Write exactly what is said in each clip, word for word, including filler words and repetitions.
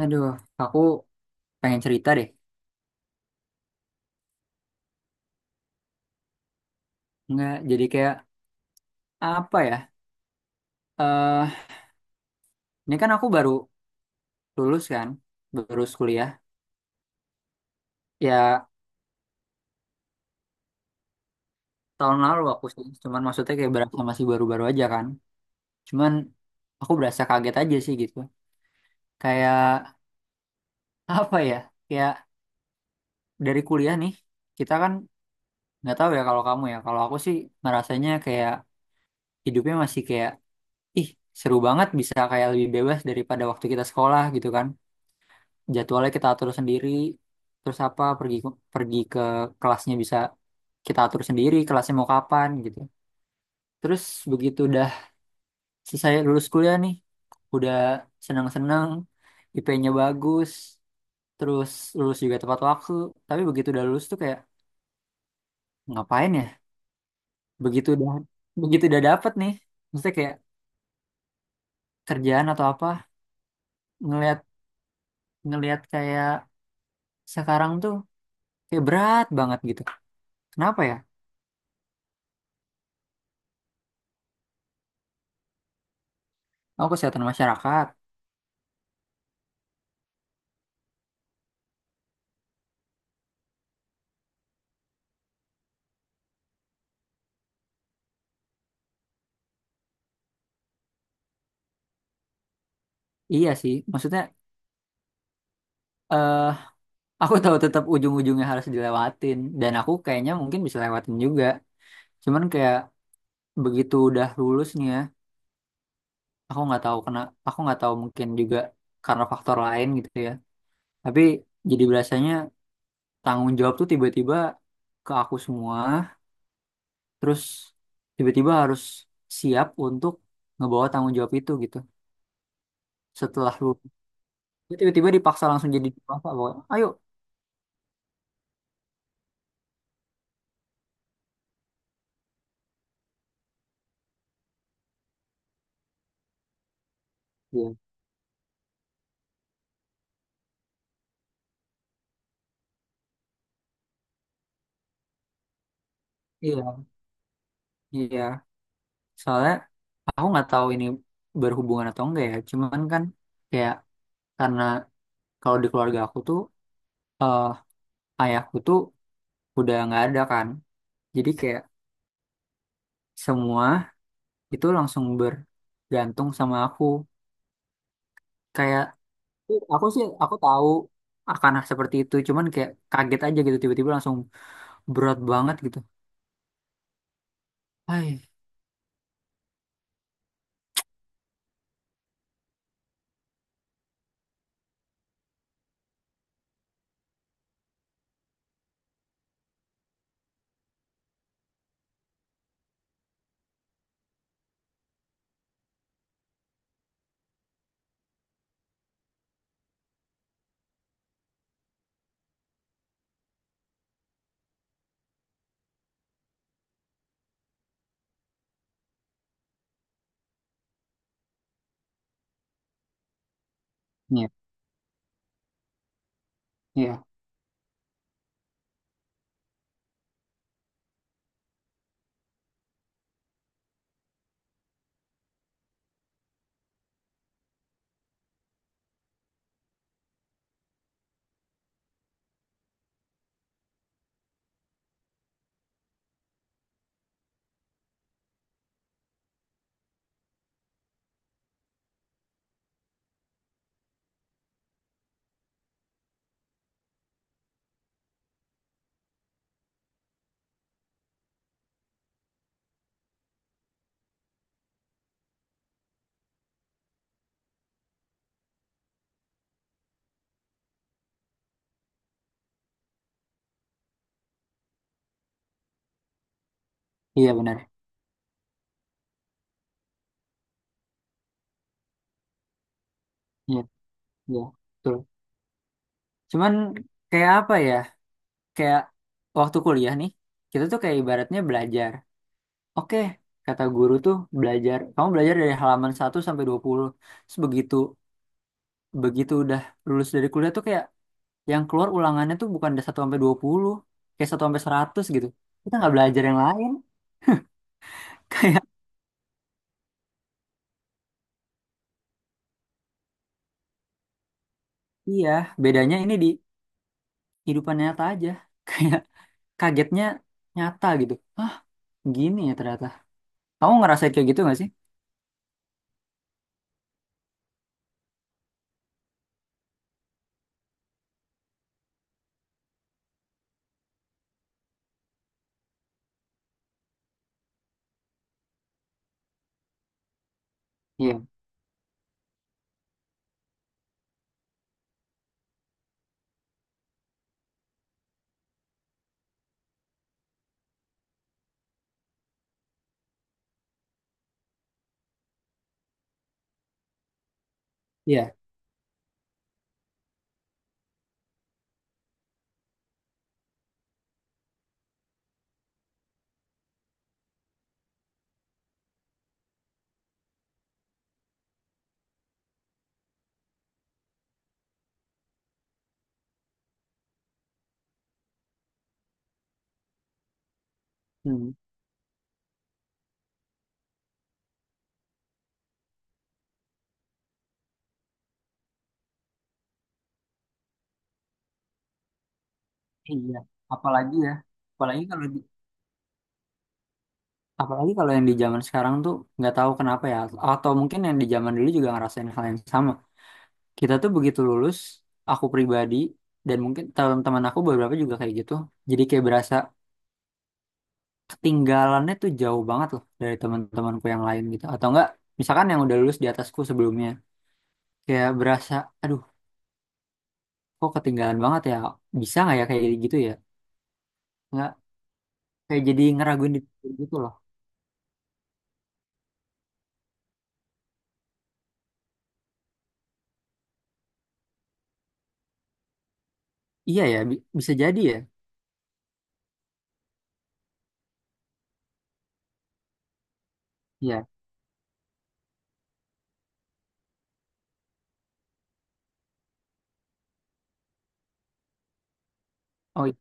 Aduh, aku pengen cerita deh. Nggak, jadi kayak apa ya? Eh, ini kan aku baru lulus kan, baru kuliah. Ya tahun lalu aku sih, cuman maksudnya kayak berasa masih baru-baru aja kan. Cuman aku berasa kaget aja sih gitu. Kayak apa ya? Kayak dari kuliah nih, kita kan nggak tahu ya kalau kamu ya. Kalau aku sih ngerasanya kayak hidupnya masih kayak, ih seru banget bisa kayak lebih bebas daripada waktu kita sekolah gitu kan. Jadwalnya kita atur sendiri, terus apa pergi pergi ke kelasnya bisa kita atur sendiri, kelasnya mau kapan gitu. Terus begitu udah selesai lulus kuliah nih, udah senang-senang, I P-nya bagus, terus lulus juga tepat waktu. Tapi begitu udah lulus tuh kayak ngapain ya, begitu udah begitu udah dapet nih, maksudnya kayak kerjaan atau apa. Ngelihat Ngelihat kayak sekarang tuh kayak berat banget gitu, kenapa ya? Aku kesehatan masyarakat. Iya sih, maksudnya eh aku tahu tetap ujung-ujungnya harus dilewatin dan aku kayaknya mungkin bisa lewatin juga. Cuman kayak begitu udah lulus nih ya, aku nggak tahu kena, aku nggak tahu mungkin juga karena faktor lain gitu ya. Tapi jadi biasanya tanggung jawab tuh tiba-tiba ke aku semua, terus tiba-tiba harus siap untuk ngebawa tanggung jawab itu gitu. Setelah lulus, tiba-tiba dipaksa langsung jadi apa? Ayo, iya, iya, iya. Soalnya aku nggak tahu ini berhubungan atau enggak ya. Cuman kan kayak karena kalau di keluarga aku tuh eh ayahku tuh udah nggak ada kan. Jadi kayak semua itu langsung bergantung sama aku. Kayak aku sih aku tahu akan seperti itu. Cuman kayak kaget aja gitu tiba-tiba langsung berat banget gitu. Hai. Iya, iya, iya benar. Iya, iya. Betul. Cuman kayak apa ya? Kayak waktu kuliah nih, kita tuh kayak ibaratnya belajar. Oke, kata guru tuh belajar. Kamu belajar dari halaman satu sampai dua puluh. Terus begitu begitu udah lulus dari kuliah tuh kayak yang keluar ulangannya tuh bukan dari satu sampai dua puluh, kayak satu sampai seratus gitu. Kita nggak belajar yang lain. Kayak iya, bedanya ini di kehidupan nyata aja. Kayak kagetnya nyata gitu. Hah, gini ya ternyata. Kamu ngerasain kayak gitu nggak sih? Iya. Iya. Hmm. Iya. Apalagi ya. Apalagi kalau di Apalagi kalau yang di zaman sekarang tuh nggak tahu kenapa ya, atau mungkin yang di zaman dulu juga ngerasain hal yang sama. Kita tuh begitu lulus, aku pribadi dan mungkin teman-teman aku beberapa juga kayak gitu. Jadi kayak berasa ketinggalannya tuh jauh banget loh dari teman-temanku yang lain gitu. Atau enggak, misalkan yang udah lulus di atasku sebelumnya, kayak berasa, aduh, kok ketinggalan banget ya? Bisa nggak ya kayak gitu ya? Nggak, kayak jadi ngeraguin diri gitu loh. Iya ya, bi- bisa jadi ya. Iya. Oh.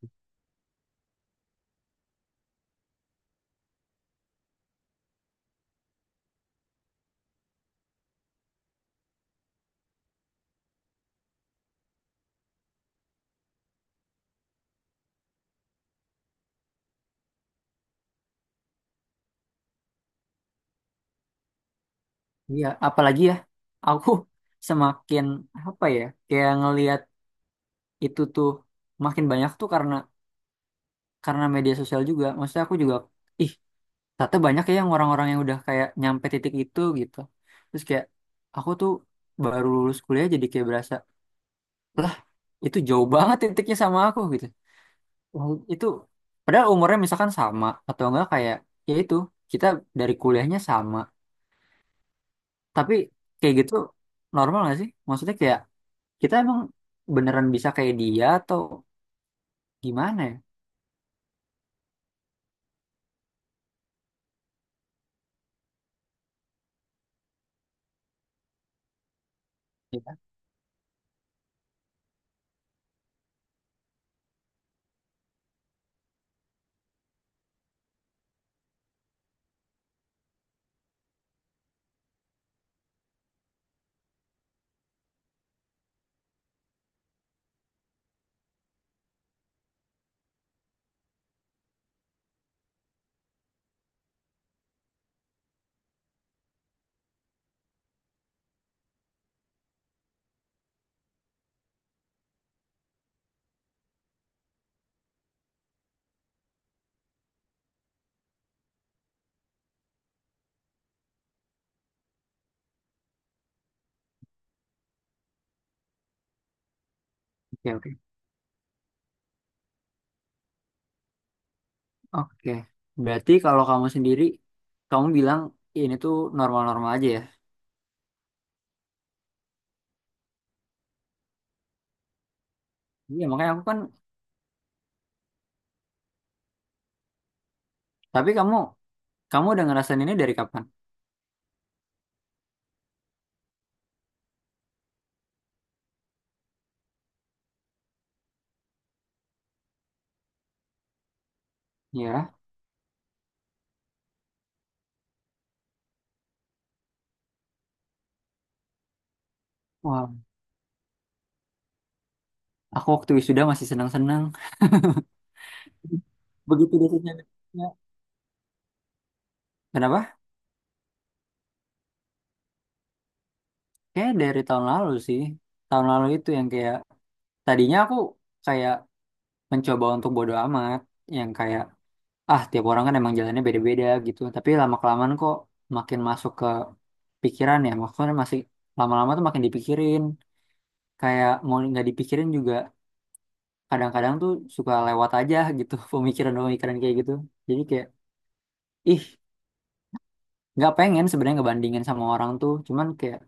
Iya, apalagi ya, aku semakin apa ya, kayak ngelihat itu tuh makin banyak tuh karena karena media sosial juga. Maksudnya aku juga, ih, ternyata banyak ya yang orang-orang yang udah kayak nyampe titik itu gitu. Terus kayak aku tuh baru lulus kuliah jadi kayak berasa, lah itu jauh banget titiknya sama aku gitu. Wah, itu padahal umurnya misalkan sama atau enggak kayak ya itu kita dari kuliahnya sama, tapi kayak gitu normal nggak sih? Maksudnya kayak kita emang beneran bisa kayak dia atau gimana ya? Ya. Oke, oke. Oke. Berarti kalau kamu sendiri, kamu bilang ini tuh normal-normal aja ya? Iya, makanya aku kan, tapi kamu kamu udah ngerasain ini dari kapan? Ya. Wah, aku waktu wisuda masih senang-senang. Begitu dosennya. Ya. Kenapa? Kayak dari tahun lalu sih. Tahun lalu itu yang kayak, tadinya aku kayak mencoba untuk bodo amat. Yang kayak ah tiap orang kan emang jalannya beda-beda gitu tapi lama kelamaan kok makin masuk ke pikiran ya, maksudnya masih lama-lama tuh makin dipikirin, kayak mau nggak dipikirin juga kadang-kadang tuh suka lewat aja gitu pemikiran-pemikiran kayak gitu. Jadi kayak ih, nggak pengen sebenarnya ngebandingin sama orang tuh cuman kayak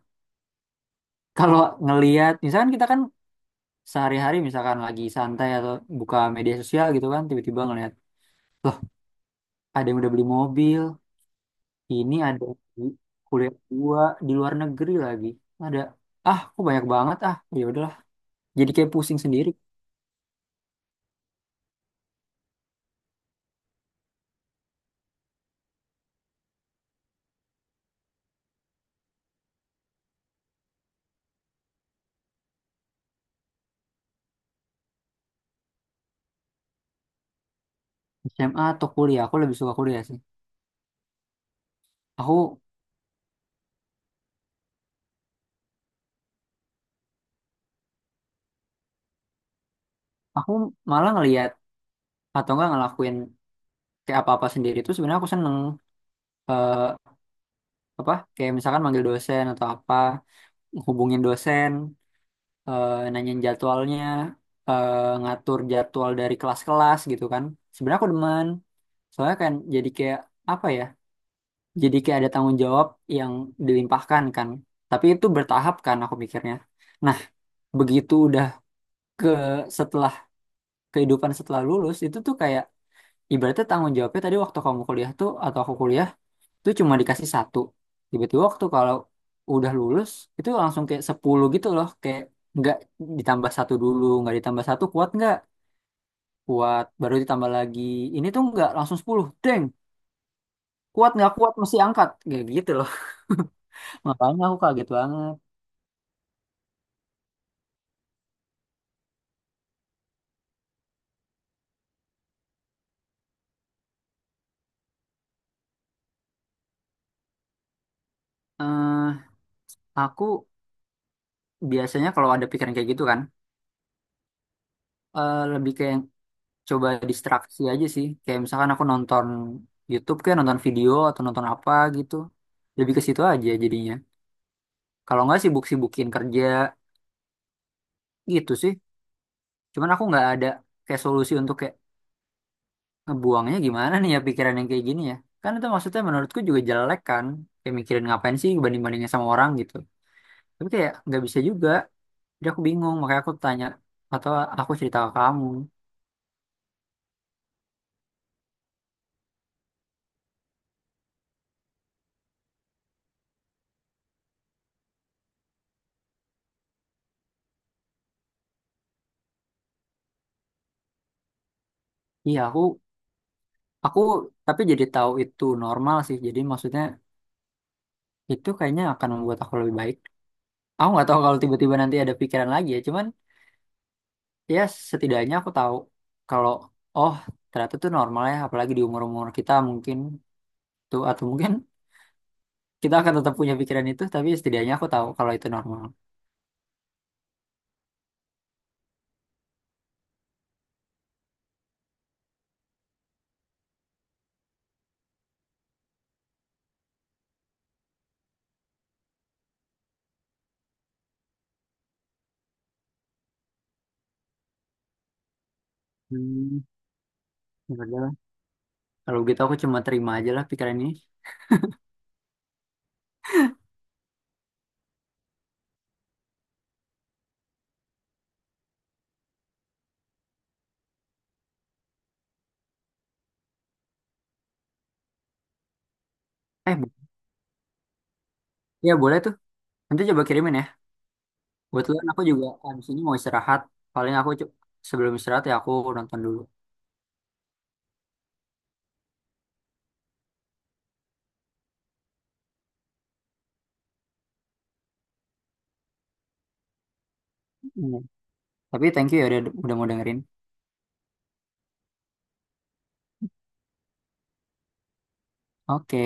kalau ngelihat misalkan kita kan sehari-hari misalkan lagi santai atau buka media sosial gitu kan tiba-tiba ngelihat loh ada yang udah beli mobil. Ini ada di kuliah gua di luar negeri lagi. Ada, ah, kok banyak banget ah. Ya udahlah. Jadi kayak pusing sendiri. S M A atau kuliah, aku lebih suka kuliah sih. Aku aku malah ngelihat atau enggak ngelakuin kayak apa-apa sendiri itu sebenarnya aku seneng, eh apa kayak misalkan manggil dosen atau apa, hubungin dosen, eh nanyain jadwalnya, eh ngatur jadwal dari kelas-kelas gitu kan. Sebenarnya aku demen. Soalnya kan jadi kayak apa ya? Jadi kayak ada tanggung jawab yang dilimpahkan kan. Tapi itu bertahap kan aku mikirnya. Nah, begitu udah ke setelah kehidupan setelah lulus itu tuh kayak ibaratnya tanggung jawabnya tadi waktu kamu kuliah tuh atau aku kuliah tuh cuma dikasih satu. Tiba-tiba waktu kalau udah lulus itu langsung kayak sepuluh gitu loh, kayak nggak ditambah satu dulu, nggak ditambah satu kuat nggak kuat baru ditambah lagi, ini tuh nggak langsung sepuluh. Deng, kuat nggak kuat mesti angkat kayak gitu loh. Makanya aku kaget banget. Eh aku biasanya kalau ada pikiran kayak gitu kan, eh, lebih kayak coba distraksi aja sih. Kayak misalkan aku nonton YouTube, kayak nonton video atau nonton apa gitu. Lebih ke situ aja jadinya. Kalau nggak sibuk-sibukin kerja gitu sih. Cuman aku nggak ada kayak solusi untuk kayak ngebuangnya gimana nih ya pikiran yang kayak gini ya. Kan itu maksudnya menurutku juga jelek kan. Kayak mikirin ngapain sih banding-bandingnya sama orang gitu. Tapi kayak nggak bisa juga. Jadi aku bingung, makanya aku tanya atau aku cerita ke kamu. Iya, aku Aku tapi jadi tahu itu normal sih. Jadi maksudnya itu kayaknya akan membuat aku lebih baik. Aku nggak tahu kalau tiba-tiba nanti ada pikiran lagi ya. Cuman ya setidaknya aku tahu kalau oh ternyata itu normal ya. Apalagi di umur-umur kita mungkin tuh atau mungkin kita akan tetap punya pikiran itu. Tapi setidaknya aku tahu kalau itu normal. Hmm, ya udah lah. Kalau gitu aku cuma terima aja lah pikiran ini. Eh, bo- ya boleh tuh. Nanti coba kirimin ya. Kebetulan aku juga abis ini mau istirahat. Paling aku cu- sebelum istirahat ya aku nonton dulu. Tapi thank you ya udah, udah mau dengerin. Oke,